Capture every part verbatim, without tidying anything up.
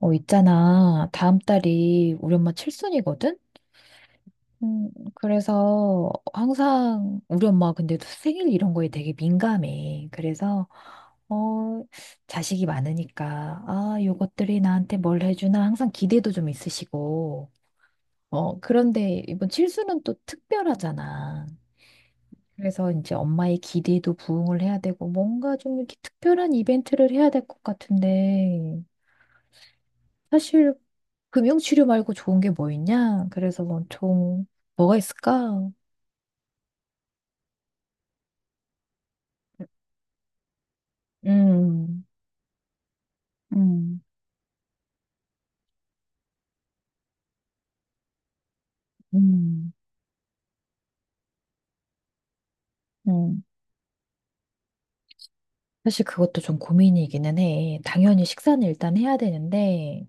어, 있잖아. 다음 달이 우리 엄마 칠순이거든? 음, 그래서 항상 우리 엄마 근데 도 생일 이런 거에 되게 민감해. 그래서, 어, 자식이 많으니까, 아, 요것들이 나한테 뭘 해주나 항상 기대도 좀 있으시고. 어, 그런데 이번 칠순은 또 특별하잖아. 그래서 이제 엄마의 기대도 부응을 해야 되고, 뭔가 좀 이렇게 특별한 이벤트를 해야 될 것 같은데, 사실 금융치료 말고 좋은 게 뭐 있냐? 그래서 뭐 좀, 뭐가 있을까? 음, 음, 음, 음. 사실 그것도 좀 고민이기는 해. 당연히 식사는 일단 해야 되는데,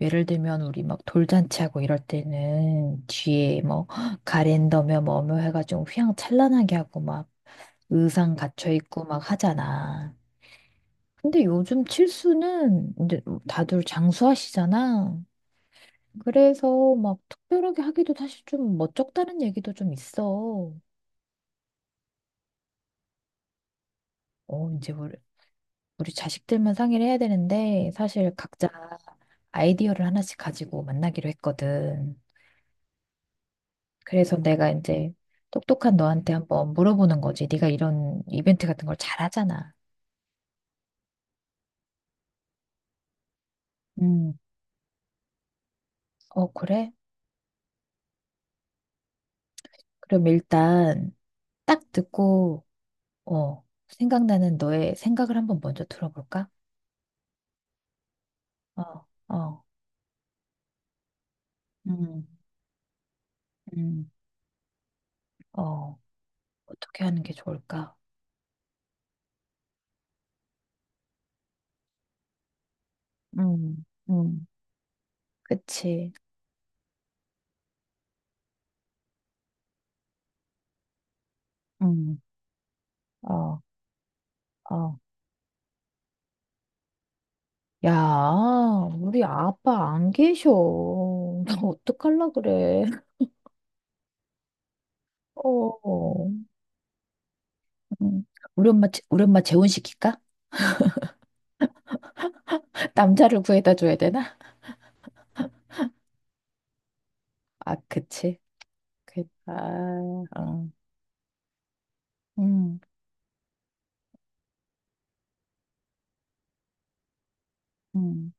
예를 들면 우리 막 돌잔치하고 이럴 때는 뒤에 뭐 가랜더며 뭐며 해가지고 휘황찬란하게 하고 막 의상 갖춰 입고 막 하잖아. 근데 요즘 칠수는 이제 다들 장수하시잖아. 그래서 막 특별하게 하기도 사실 좀 멋쩍다는 얘기도 좀 있어. 어, 이제 우리, 우리 자식들만 상의를 해야 되는데 사실 각자 아이디어를 하나씩 가지고 만나기로 했거든. 그래서 내가 이제 똑똑한 너한테 한번 물어보는 거지. 네가 이런 이벤트 같은 걸 잘하잖아. 음, 어, 그래? 그럼 일단 딱 듣고, 어, 생각나는 너의 생각을 한번 먼저 들어볼까? 어, 어, 음, 음. 어. 어떻게 하는 게 좋을까? 음, 음, 그치. 음, 어, 어. 야, 우리 아빠 안 계셔. 나 어떡할라 그래. 어, 음, 우리 엄마, 재- 우리 엄마 재혼시킬까? 남자를 구해다 줘야 되나? 아, 그치. 그, 아, 어, 음, 음.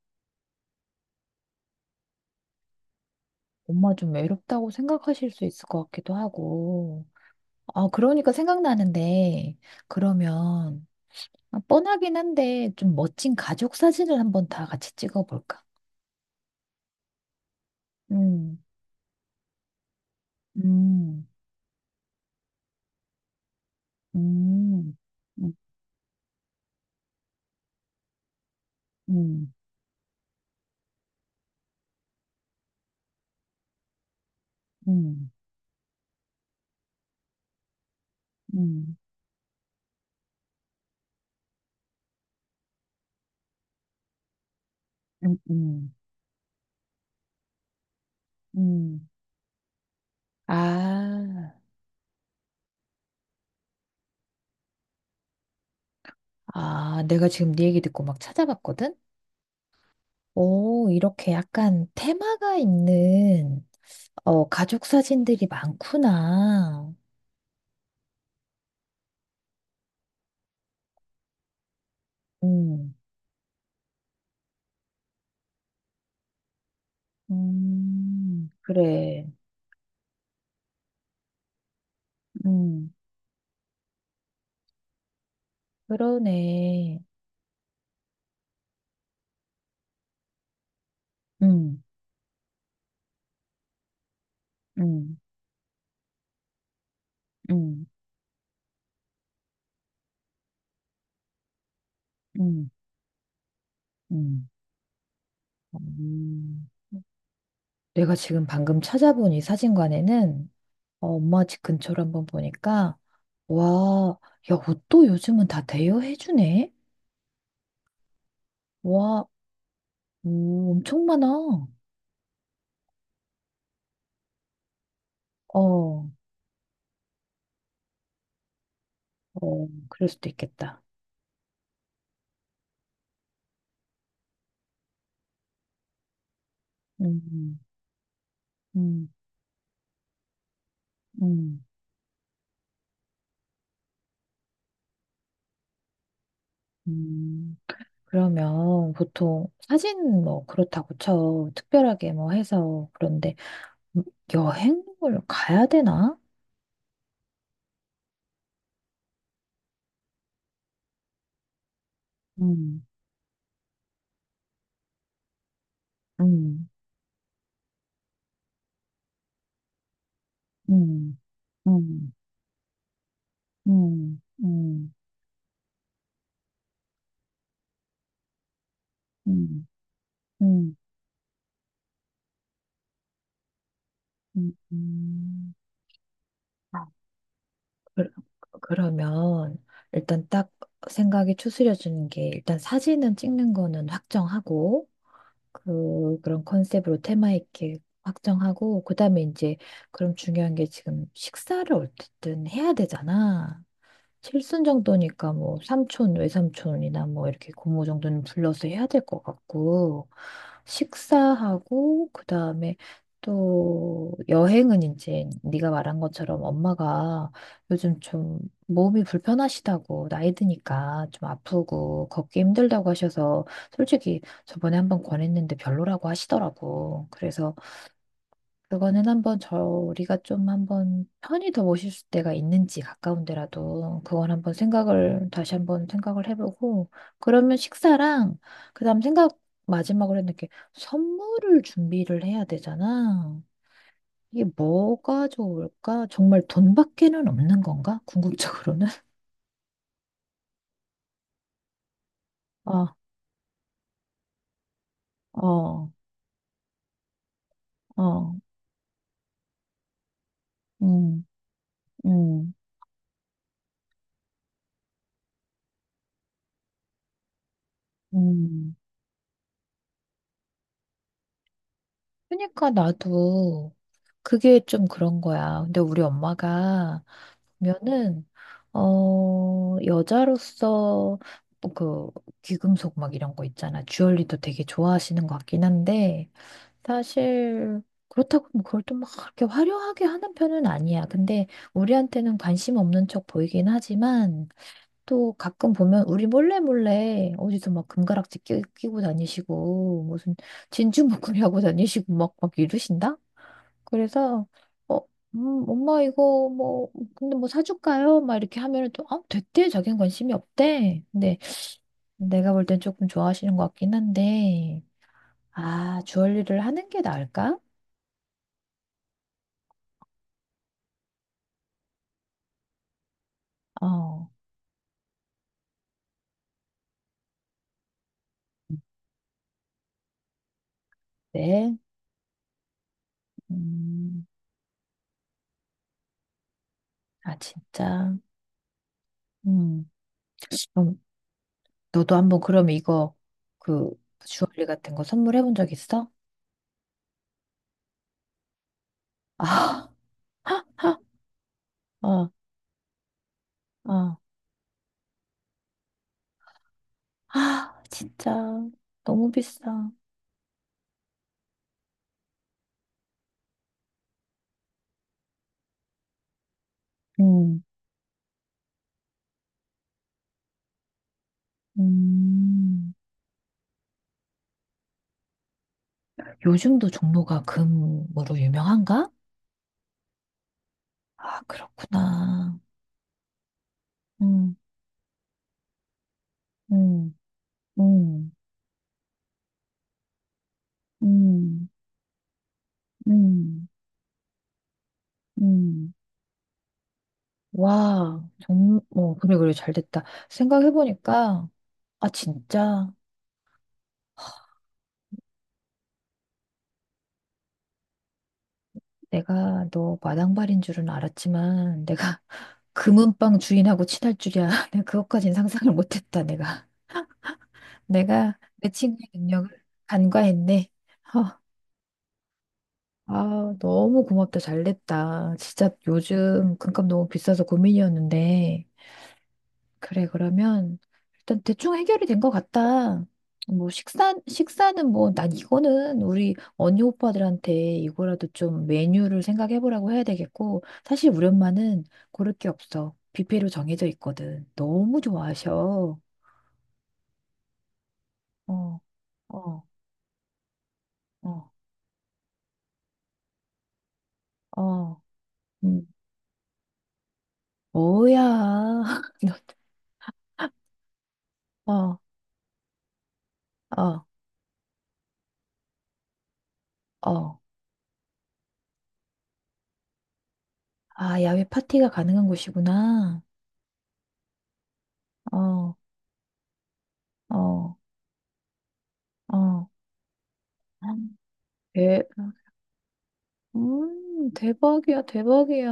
엄마 좀 외롭다고 생각하실 수 있을 것 같기도 하고. 아, 그러니까 생각나는데, 그러면, 아, 뻔하긴 한데 좀 멋진 가족 사진을 한번 다 같이 찍어볼까? 음, 음, 음, 음, 음, 음, 음, 음, 음. 음. 아, 아, 내가 지금 네 얘기 듣고 막 찾아봤거든? 오, 이렇게 약간 테마가 있는 어, 가족 사진들이 많구나. 음, 음, 그래. 음, 그러네. 음, 음, 음. 음. 음. 음. 내가 지금 방금 찾아본 이 사진관에는 어, 엄마 집 근처로 한번 보니까 와, 야, 옷도 요즘은 다 대여해주네. 와, 오, 엄청 많아. 어, 어, 그럴 수도 있겠다. 음, 음, 음, 음. 그러면 보통 사진 뭐 그렇다고 쳐. 특별하게 뭐 해서 그런데 여행을 가야 되나? 음, 음, 음. 음. 음, 음, 음, 음, 음, 음. 아, 그, 그러면 일단 딱 생각이 추스려지는 게 일단 사진은 찍는 거는 확정하고 그 그런 컨셉으로 테마 있게 확정하고 그다음에 이제 그럼 중요한 게 지금 식사를 어쨌든 해야 되잖아. 칠순 정도니까 뭐 삼촌, 외삼촌이나 뭐 이렇게 고모 정도는 불러서 해야 될 것 같고, 식사하고, 그 다음에 또 여행은 이제 네가 말한 것처럼 엄마가 요즘 좀 몸이 불편하시다고 나이 드니까 좀 아프고 걷기 힘들다고 하셔서 솔직히 저번에 한번 권했는데 별로라고 하시더라고. 그래서 그거는 한번 저희가 좀 한 번 편히 더 모실 때가 있는지 가까운 데라도 그건 한번 생각을 다시 한 번 생각을 해보고 그러면 식사랑 그다음 생각 마지막으로 했는데 이렇게 선물을 준비를 해야 되잖아. 이게 뭐가 좋을까? 정말 돈밖에는 없는 건가? 궁극적으로는. 아, 어, 어, 음, 음, 음. 그러니까 나도 그게 좀 그런 거야. 근데 우리 엄마가 면은 어 여자로서 뭐 그 귀금속 막 이런 거 있잖아. 주얼리도 되게 좋아하시는 것 같긴 한데 사실 그렇다고 뭐 그걸 또 막 그렇게 화려하게 하는 편은 아니야. 근데 우리한테는 관심 없는 척 보이긴 하지만 또 가끔 보면 우리 몰래 몰래 어디서 막 금가락지 끼, 끼고 다니시고 무슨 진주 목걸이 하고 다니시고 막 막 이러신다? 그래서 어, 음, 엄마 이거 뭐 근데 뭐 사줄까요? 막 이렇게 하면은 또 아, 됐대 자기는 관심이 없대. 근데 내가 볼 땐 조금 좋아하시는 것 같긴 한데 아 주얼리를 하는 게 나을까? 어, 네, 음, 아 진짜, 음, 그럼 너도 한번 그럼 이거 그 주얼리 같은 거 선물해본 적 있어? 아, 어, 어, 아 진짜 너무 비싸. 음, 음. 요즘도 종로가 금으로 유명한가? 아, 그렇구나. 음, 음, 음, 음, 음, 음. 와, 종, 어, 그래, 그래, 잘 됐다. 생각해보니까, 아, 진짜, 내가 너 마당발인 줄은 알았지만, 내가 금은방 주인하고 친할 줄이야. 내가 그것까진 상상을 못했다, 내가. 내가 내 친구의 능력을 간과했네. 아, 너무 고맙다. 잘 됐다. 진짜 요즘 금값 너무 비싸서 고민이었는데. 그래, 그러면 일단 대충 해결이 된 것 같다. 뭐 식사, 식사는 뭐 난 이거는 우리 언니 오빠들한테 이거라도 좀 메뉴를 생각해보라고 해야 되겠고. 사실 우리 엄마는 고를 게 없어. 뷔페로 정해져 있거든. 너무 좋아하셔. 어, 어, 어, 어. 음, 뭐야. 너, 어, 어, 어. 아, 야외 파티가 가능한 곳이구나. 어, 어, 어. 대, 음, 대박이야, 대박이야.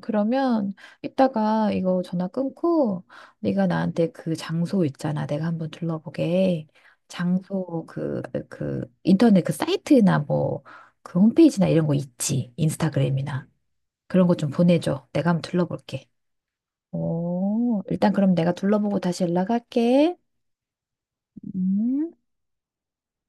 그러면 이따가 이거 전화 끊고 네가 나한테 그 장소 있잖아. 내가 한번 둘러보게. 장소 그, 그 인터넷 그 사이트나 뭐 그 홈페이지나 이런 거 있지. 인스타그램이나. 그런 거 좀 보내줘. 내가 한번 둘러볼게. 오, 일단 그럼 내가 둘러보고 다시 연락할게. 음.